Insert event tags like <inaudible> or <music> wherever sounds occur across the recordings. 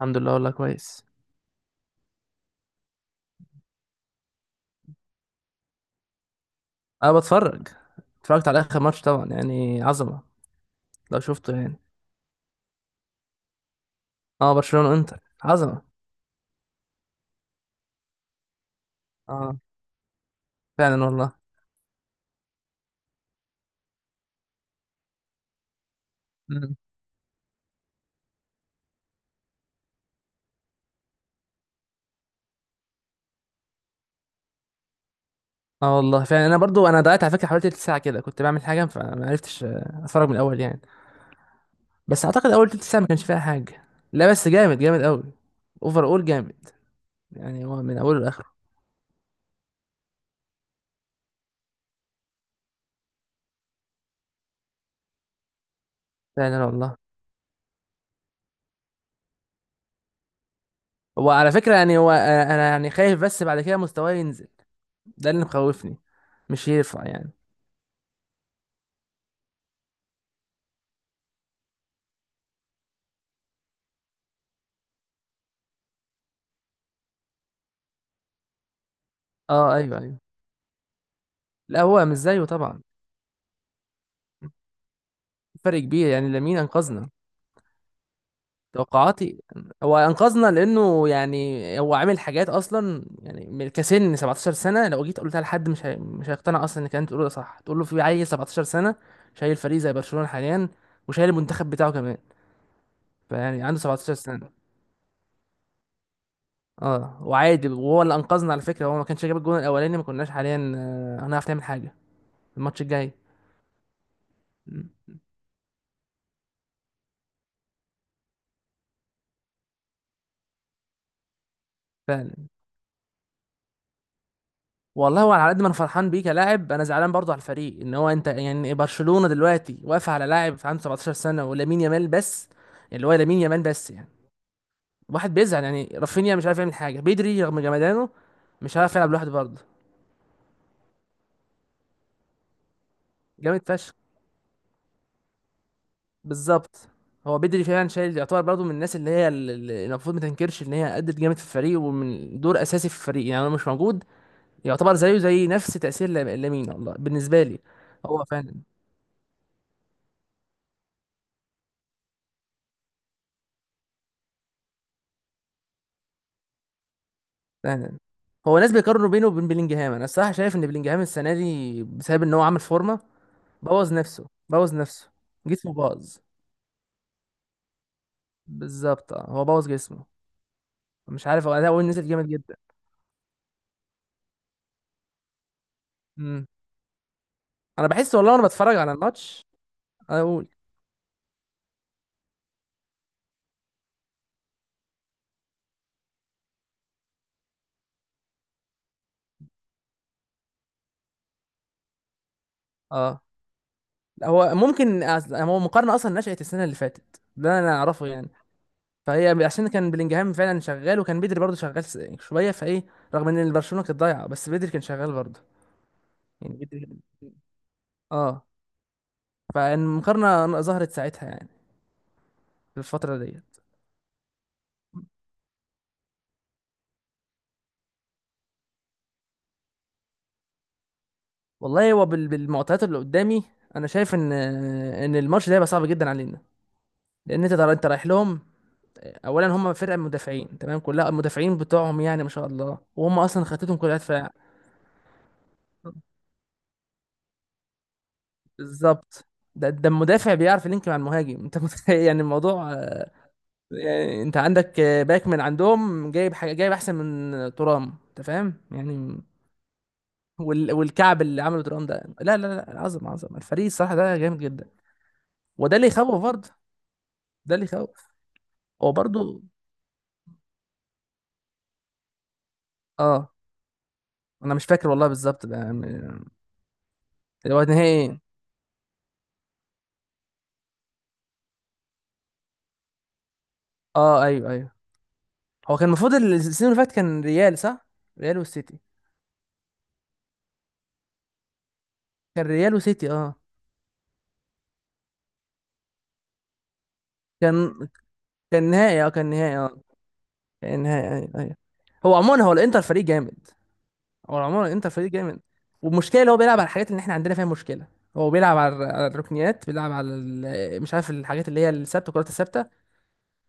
الحمد لله والله كويس. انا بتفرج. اتفرجت على اخر ماتش طبعا يعني عظمه لو شفته يعني. اه برشلونه انتر عظمه. اه فعلا والله. مم. اه والله فعلا انا برضو ضيعت على فكره حوالي تلت ساعه كده كنت بعمل حاجه فما عرفتش اتفرج من الاول يعني. بس اعتقد اول تلت ساعه ما كانش فيها حاجه. لا بس جامد جامد قوي. اوفر اول جامد. يعني هو من اوله لاخره. فعلا والله. هو على فكره يعني هو انا يعني خايف بس بعد كده مستواه ينزل. ده اللي مخوفني. مش يرفع يعني. اه ايوه ايوه. لا هو مش زيه طبعا. فرق كبير يعني لامين انقذنا. توقعاتي؟ هو انقذنا لانه يعني هو عامل حاجات اصلا يعني كسن 17 سنه. لو جيت قلتها لحد مش هيقتنع اصلا، انك انت تقول ده صح تقول له في عيل 17 سنه شايل فريق زي برشلونه حاليا، وشايل المنتخب بتاعه كمان. فيعني عنده 17 سنه. اه وعادي، وهو اللي انقذنا على فكره. هو ما كانش جاب الجون الاولاني ما كناش حاليا هنعرف نعمل حاجه الماتش الجاي. م. فعلا والله. هو على قد ما انا فرحان بيه كلاعب انا زعلان برضه على الفريق، ان هو انت يعني برشلونة دلوقتي واقف على لاعب عنده 17 سنة ولامين يامال بس. اللي هو لامين يامال بس يعني. واحد بيزعل يعني، رافينيا مش عارف يعمل حاجة، بيدري رغم جمدانه مش عارف يلعب لوحده برضه. جامد فشخ. بالظبط. هو بدري فعلا شايل، يعتبر برضه من الناس اللي هي المفروض ما تنكرش ان هي ادت جامد في الفريق، ومن دور اساسي في الفريق، يعني لو مش موجود يعتبر زيه زي نفس تأثير لامين والله بالنسبة لي. هو فعلا فعلا. هو ناس بيقارنوا بينه وبين بلينجهام، انا الصراحه شايف ان بلينجهام السنه دي بسبب ان هو عامل فورمه، بوظ نفسه بوظ نفسه، جسمه باظ. بالظبط اه هو بوظ جسمه. مش عارف هو نزل جامد جدا. امم. انا بحس والله وانا بتفرج على الماتش، انا اقول اه. لا، هو ممكن هو مقارنه اصلا نشأت السنه اللي فاتت ده انا اعرفه يعني. فهي عشان كان بلينجهام فعلا شغال، وكان بدري برضه شغال شويه فايه، رغم ان برشلونه كانت ضايعه بس بدري كان شغال برضه. يعني بدري اه. فالمقارنة ظهرت ساعتها يعني، في الفترة ديت. والله هو بالمعطيات اللي قدامي، انا شايف ان الماتش ده هيبقى صعب جدا علينا. لان انت رايح لهم. اولا هم فرقه مدافعين، تمام كلها المدافعين بتوعهم يعني ما شاء الله، وهم اصلا خطتهم كلها دفاع. بالظبط. ده المدافع بيعرف يلينك مع المهاجم <laughs> انت متخيل يعني الموضوع، يعني انت عندك باك من عندهم جايب حاجه، جايب احسن من ترام، انت فاهم يعني. والكعب اللي عمله ترام ده لا لا لا، عظم عظم الفريق الصراحه، ده جامد جدا. وده اللي يخوف برضه. ده اللي يخوف. هو برضه اه. انا مش فاكر والله بالظبط بقى يعني. اللي هو نهائي، اه ايوه ايوه. هو كان المفروض السنة اللي فاتت كان ريال صح؟ ريال والسيتي. كان ريال وسيتي اه. كان نهائي اه كان نهائي اه. كان نهائي ايوه ايوه. هو عموما هو الانتر فريق جامد. هو عموما الانتر فريق جامد. والمشكله اللي هو بيلعب على الحاجات اللي احنا عندنا فيها مشكله. هو بيلعب على الركنيات، بيلعب على مش عارف، الحاجات اللي هي الثابته، الكرات الثابته.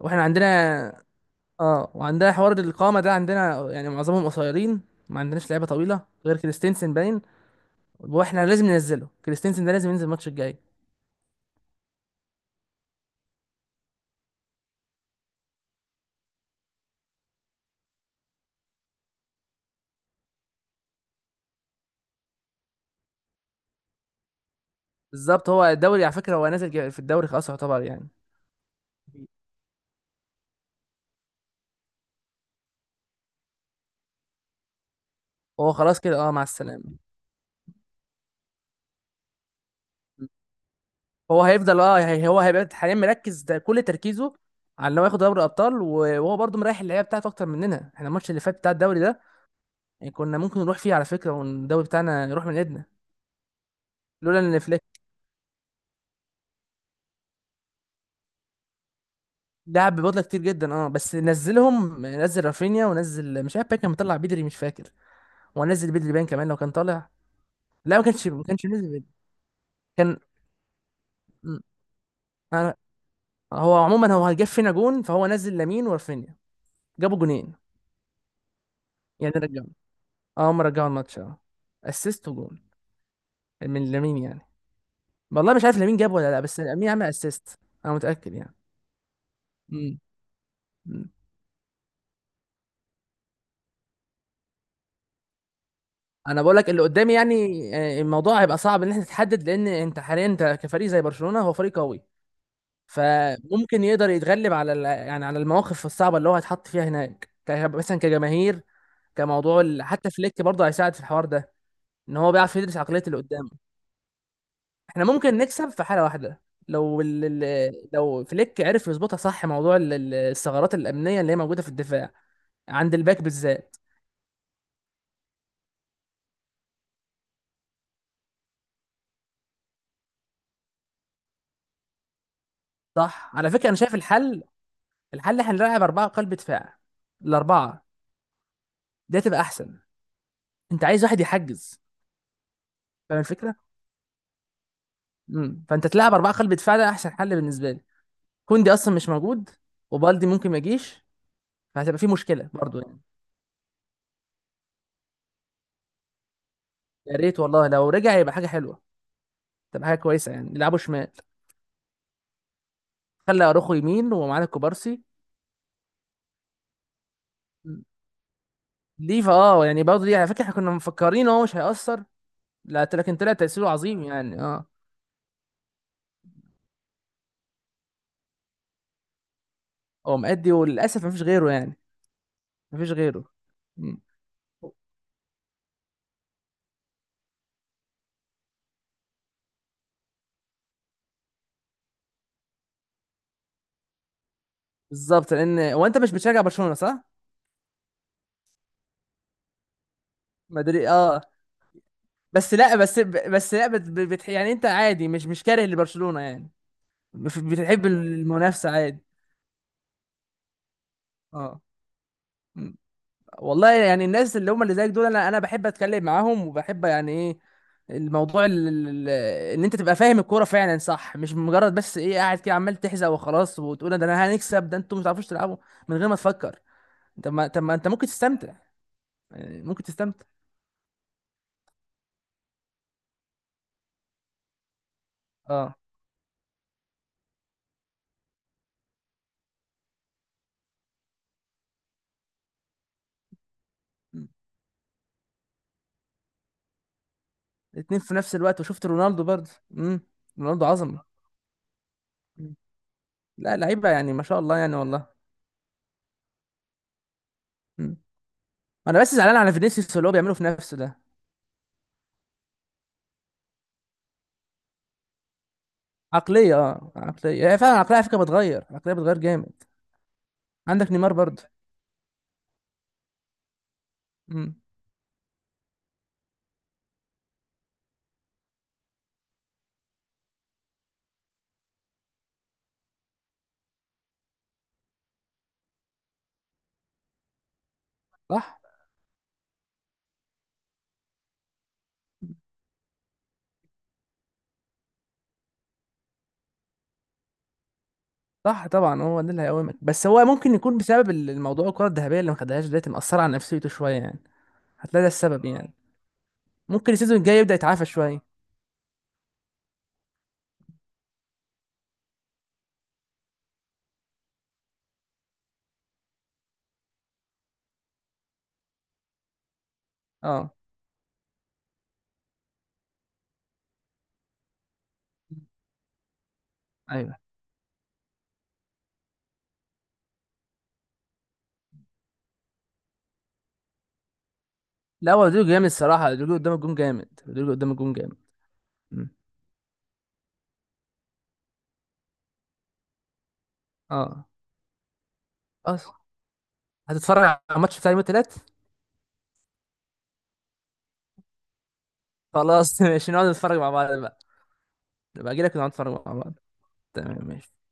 واحنا عندنا اه، وعندها حوار القامه ده عندنا يعني معظمهم قصيرين. ما عندناش لعيبه طويله غير كريستنسن باين. واحنا لازم ننزله، كريستنسن ده لازم ينزل الماتش الجاي. بالظبط. هو الدوري على فكره هو نازل في الدوري خلاص يعتبر يعني. هو خلاص كده اه، مع السلامه. هو هيفضل اه هو هيبقى حاليا مركز ده كل تركيزه على ان هو ياخد دوري الابطال، وهو برضه مريح اللعيبه بتاعته اكتر مننا، احنا الماتش اللي فات بتاع الدوري ده يعني كنا ممكن نروح فيه على فكره والدوري بتاعنا يروح من ايدنا، لولا ان فليك لعب ببطولة كتير جدا. اه بس نزلهم، نزل رافينيا، ونزل مش عارف باين كان مطلع بدري مش فاكر. هو نزل بدري باين كمان لو كان طالع. لا ما كانش نزل بدري. كان، م- أنا، هو عموما هو جاب فينا جون فهو نزل لامين ورافينيا، جابوا جونين يعني. رجعوا اه، هم رجعوا الماتش اه. اسيست وجون من لامين يعني. والله مش عارف لامين جاب ولا لا، بس لامين عمل اسيست انا متأكد يعني. م- م. انا بقول لك اللي قدامي يعني، الموضوع هيبقى صعب ان انت تحدد، لان انت حاليا انت كفريق زي برشلونة هو فريق قوي، فممكن يقدر يتغلب على يعني على المواقف الصعبه اللي هو هيتحط فيها هناك، مثلا كجماهير، كموضوع حتى فليك برضه هيساعد في الحوار ده، ان هو بيعرف يدرس عقليه اللي قدامه. احنا ممكن نكسب في حاله واحده، لو لو فليك عرف يظبطها صح، موضوع الثغرات الامنيه اللي هي موجوده في الدفاع، عند الباك بالذات. صح، على فكره انا شايف الحل. الحل احنا نلعب اربعه قلب دفاع، الاربعه دي تبقى احسن. انت عايز واحد يحجز، فاهم الفكره. امم. فانت تلعب اربعه قلب دفاع ده احسن حل بالنسبه لي. كوندي اصلا مش موجود، وبالدي ممكن ما يجيش، فهتبقى في مشكله برضه يعني. يا ريت والله لو رجع يبقى حاجه حلوه، تبقى حاجه كويسه، يعني يلعبوا شمال، خلى اروخو يمين ومعانا كوبارسي. ليفا اه يعني برضه دي على فكره احنا كنا مفكرين هو مش هيأثر، لا لكن طلع تأثيره عظيم يعني اه. هو مأدي وللاسف مفيش غيره يعني، مفيش غيره. مم. بالظبط. لان هو انت مش بتشجع برشلونه صح؟ مدري اه. بس لا بس بس لا بت... بت... يعني انت عادي، مش كاره لبرشلونه يعني. بتحب المنافسه عادي. اه. م. والله يعني الناس اللي هم اللي زيك دول، انا بحب اتكلم معاهم وبحب يعني ايه، الموضوع ان انت تبقى فاهم الكوره فعلا صح، مش مجرد بس ايه قاعد كده عمال تحزق وخلاص وتقول ده انا هنكسب ده انتوا مش عارفوش تلعبوا، من غير ما تفكر. طب ما انت ممكن تستمتع، يعني ممكن تستمتع. اه. م. الاتنين في نفس الوقت وشفت رونالدو برضه. امم. رونالدو عظمه. م. لا لعيبه يعني ما شاء الله يعني والله. م. انا بس زعلان على فينيسيوس اللي هو بيعمله في نفسه ده. عقليه عقليه يعني، فعلا العقليه على فكره بتغير، العقليه بتغير جامد. عندك نيمار برضه. امم. صح. صح طبعا هو ده اللي هيقومك، بس هو ممكن يكون بسبب الموضوع، الكره الذهبيه اللي ما خدهاش دلوقتي مأثره على نفسيته شويه يعني. هتلاقي ده السبب يعني. ممكن السيزون الجاي يبدأ يتعافى شويه. اه ايوه. لا هو رودريجو جامد الصراحه، رودريجو قدام الجون جامد، رودريجو قدام الجون جامد. مم. اه خلاص. هتتفرج على الماتش بتاع يوم التلات؟ خلاص <laughs> ماشي، نقعد نتفرج مع بعض بقى. نبقى اجي لك ونقعد نتفرج مع بعض. تمام ماشي.